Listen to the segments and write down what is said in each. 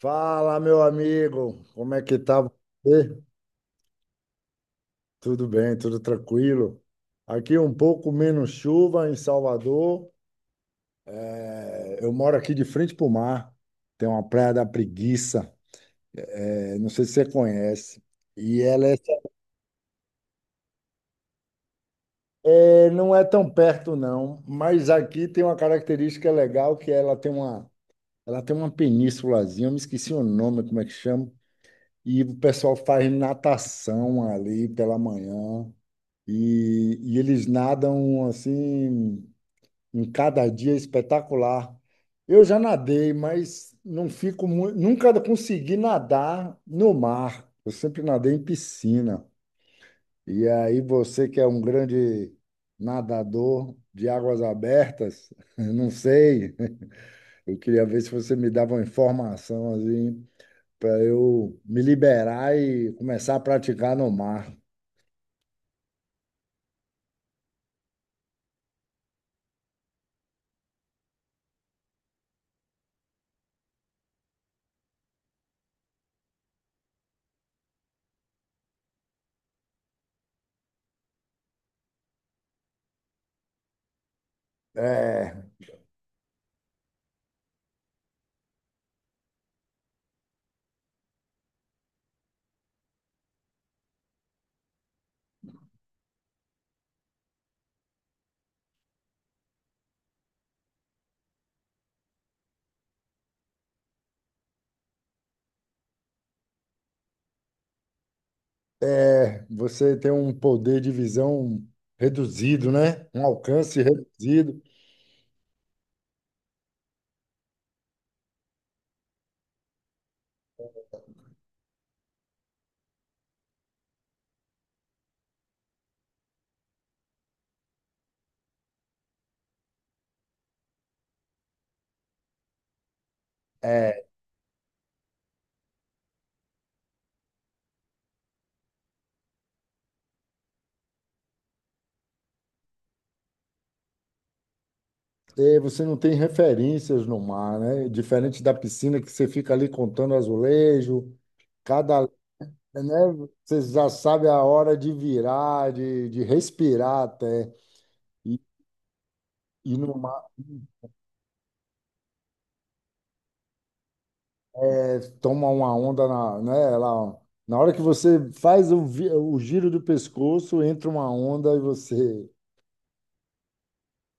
Fala, meu amigo, como é que tá você? Tudo bem, tudo tranquilo? Aqui um pouco menos chuva em Salvador. É, eu moro aqui de frente para o mar. Tem uma praia da Preguiça, não sei se você conhece. E ela é, não é tão perto não, mas aqui tem uma característica legal que ela tem uma penínsulazinha. Eu me esqueci o nome, como é que chama? E o pessoal faz natação ali pela manhã. E eles nadam assim, em cada dia espetacular. Eu já nadei, mas não fico muito, nunca consegui nadar no mar. Eu sempre nadei em piscina. E aí você que é um grande nadador de águas abertas, eu não sei. Eu queria ver se você me dava uma informação assim para eu me liberar e começar a praticar no mar. É. É, você tem um poder de visão reduzido, né? Um alcance reduzido. É, e você não tem referências no mar, né? Diferente da piscina, que você fica ali contando azulejo, cada, né? Você já sabe a hora de virar, de respirar até. E, e no mar, toma uma onda na, né? Ela, na hora que você faz o giro do pescoço, entra uma onda e você.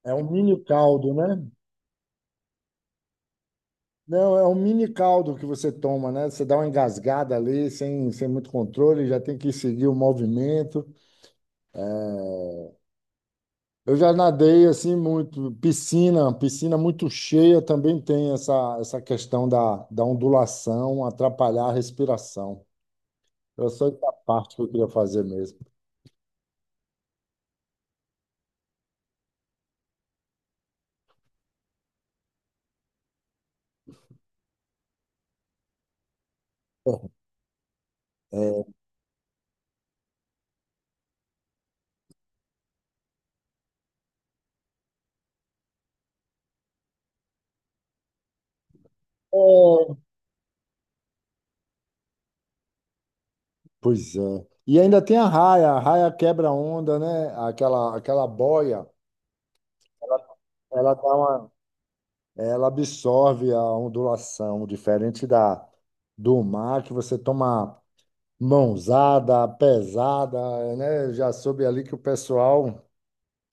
É um mini caldo, né? Não, é um mini caldo que você toma, né? Você dá uma engasgada ali, sem muito controle, já tem que seguir o movimento. Eu já nadei assim muito, piscina, piscina muito cheia também tem essa, essa questão da ondulação, atrapalhar a respiração. Era só essa parte que eu queria fazer mesmo. É, é, pois é. E ainda tem a raia quebra-onda, né? Aquela boia, ela dá ela absorve a ondulação, diferente da do mar, que você toma mãozada, pesada, né? Já soube ali que o pessoal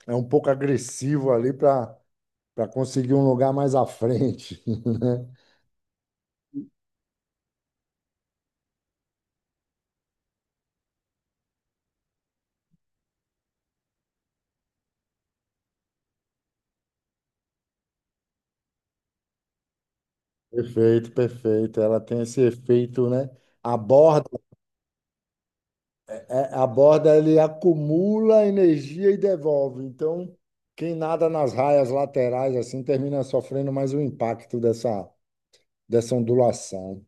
é um pouco agressivo ali para conseguir um lugar mais à frente, né? Perfeito, perfeito. Ela tem esse efeito, né? A borda, a borda ele acumula energia e devolve. Então, quem nada nas raias laterais assim termina sofrendo mais o impacto dessa ondulação.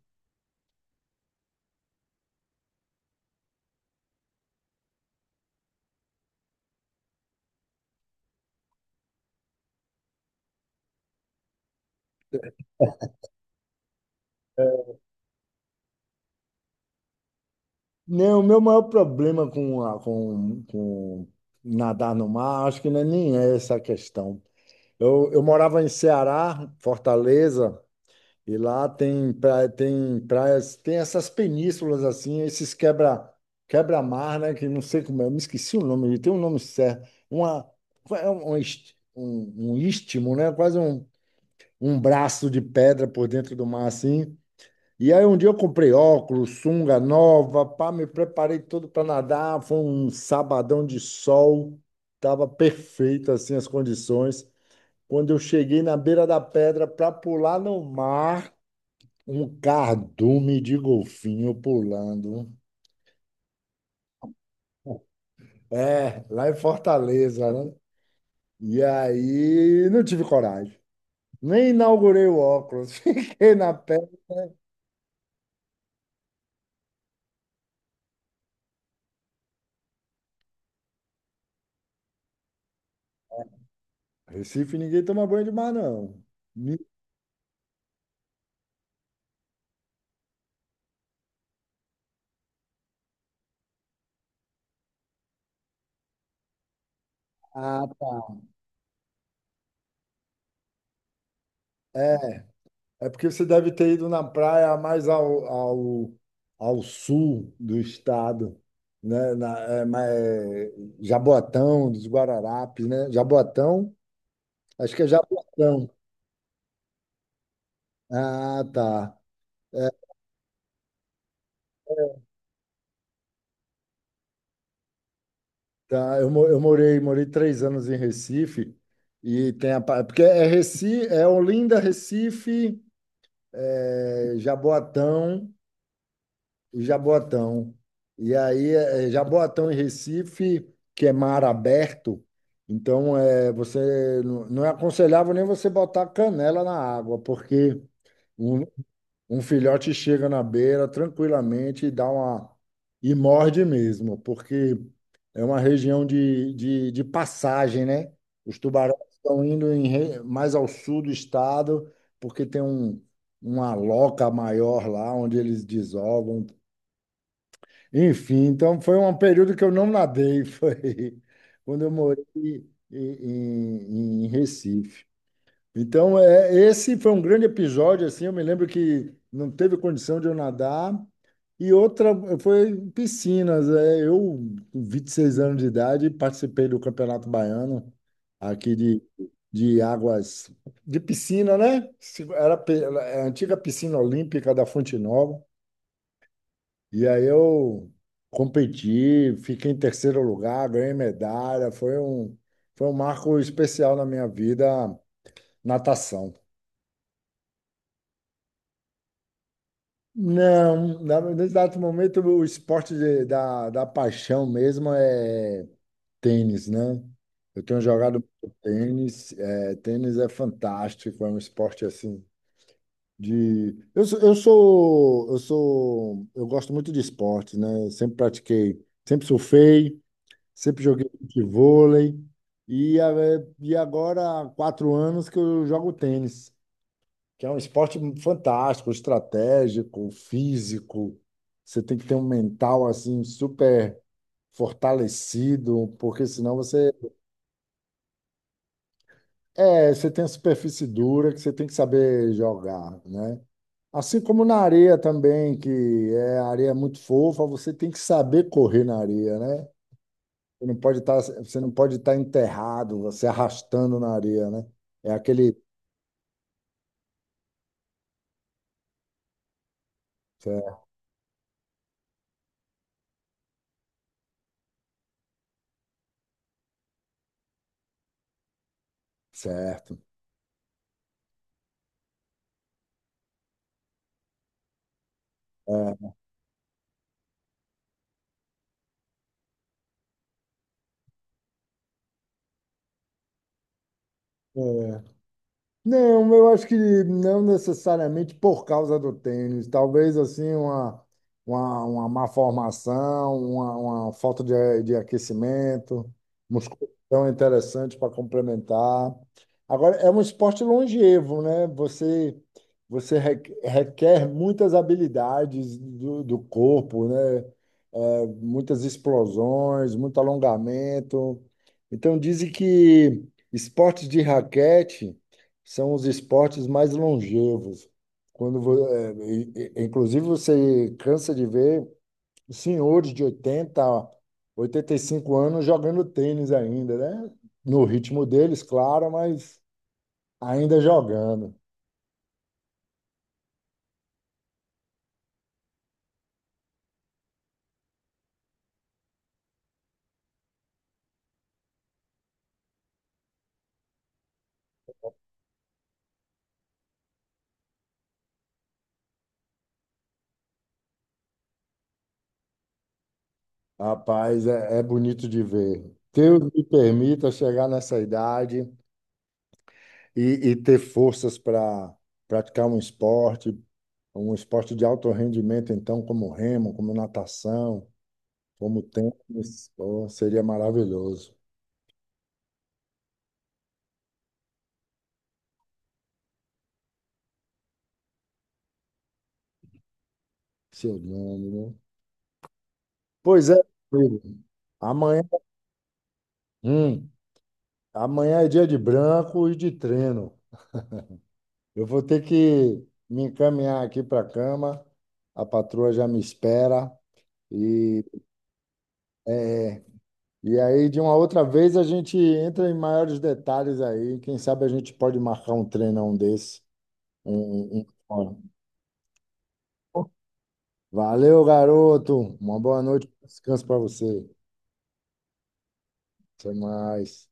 Não, o meu maior problema com nadar no mar, acho que não é nem essa a questão. Eu morava em Ceará, Fortaleza, e lá tem praias, tem essas penínsulas assim, esses quebra-mar, né? Que não sei como é, eu me esqueci o nome, tem um nome certo. É um istmo, né? Quase um braço de pedra por dentro do mar, assim. E aí um dia eu comprei óculos, sunga nova, pá, me preparei todo para nadar, foi um sabadão de sol, tava perfeito assim as condições. Quando eu cheguei na beira da pedra para pular no mar, um cardume de golfinho pulando. É, lá em Fortaleza, né? E aí não tive coragem. Nem inaugurei o óculos, fiquei na pedra. Recife ninguém toma banho de mar, não. Me mata. É. É porque você deve ter ido na praia mais ao sul do estado, né? Na, é, ma- é, Jaboatão, dos Guararapes, né? Jaboatão, acho que é Jaboatão. Ah, tá. É, tá. Eu morei 3 anos em Recife, e tem porque é Recife, é Olinda, Recife, é, Jaboatão. O Jaboatão. E aí, Jaboatão e Recife, que é mar aberto, então você não é aconselhável nem você botar canela na água, porque um, um filhote chega na beira tranquilamente e dá uma e morde mesmo, porque é uma região de passagem, né? Os tubarões estão indo mais ao sul do estado, porque tem uma loca maior lá onde eles desovam. Enfim, então foi um período que eu não nadei, foi quando eu morei em Recife. Então, esse foi um grande episódio, assim, eu me lembro que não teve condição de eu nadar. E outra foi em piscinas. Eu, com 26 anos de idade, participei do Campeonato Baiano, aqui de águas, de piscina, né? Era a antiga piscina olímpica da Fonte Nova. E aí eu competi, fiquei em terceiro lugar, ganhei medalha. Foi um marco especial na minha vida, natação. Não, no exato momento o esporte da paixão mesmo é tênis, né? Eu tenho jogado muito tênis, tênis é fantástico, é um esporte assim de. Eu gosto muito de esporte, né? Eu sempre pratiquei, sempre surfei, sempre joguei futevôlei e, a- e agora há 4 anos que eu jogo tênis, que é um esporte fantástico, estratégico, físico. Você tem que ter um mental assim super fortalecido, porque senão você você tem a superfície dura que você tem que saber jogar, né? Assim como na areia também, que é a areia é muito fofa, você tem que saber correr na areia, né? Você não pode estar, você não pode estar enterrado, você arrastando na areia, né? É aquele. Certo. Certo. É. É. Não, eu acho que não necessariamente por causa do tênis. Talvez assim uma, uma má formação, uma falta de aquecimento, musculação interessante para complementar. Agora, é um esporte longevo, né? Você requer muitas habilidades do corpo, né? É, muitas explosões, muito alongamento. Então, dizem que esportes de raquete são os esportes mais longevos. Quando, vo- é, e- inclusive, você cansa de ver senhores de 80, 85 anos jogando tênis ainda, né? No ritmo deles, claro, mas ainda jogando. Rapaz, é, é bonito de ver. Deus me permita chegar nessa idade e, e ter forças para praticar um esporte de alto rendimento, então, como remo, como natação. Como tempo, mas seria maravilhoso. Seu nome, né? Pois é, amigo. Amanhã, hum, amanhã é dia de branco e de treino. Eu vou ter que me encaminhar aqui para a cama. A patroa já me espera. E, é, e aí, de uma outra vez, a gente entra em maiores detalhes aí. Quem sabe a gente pode marcar um treinão desse. Um- um- Valeu, garoto. Uma boa noite. Descanso para você. Até mais.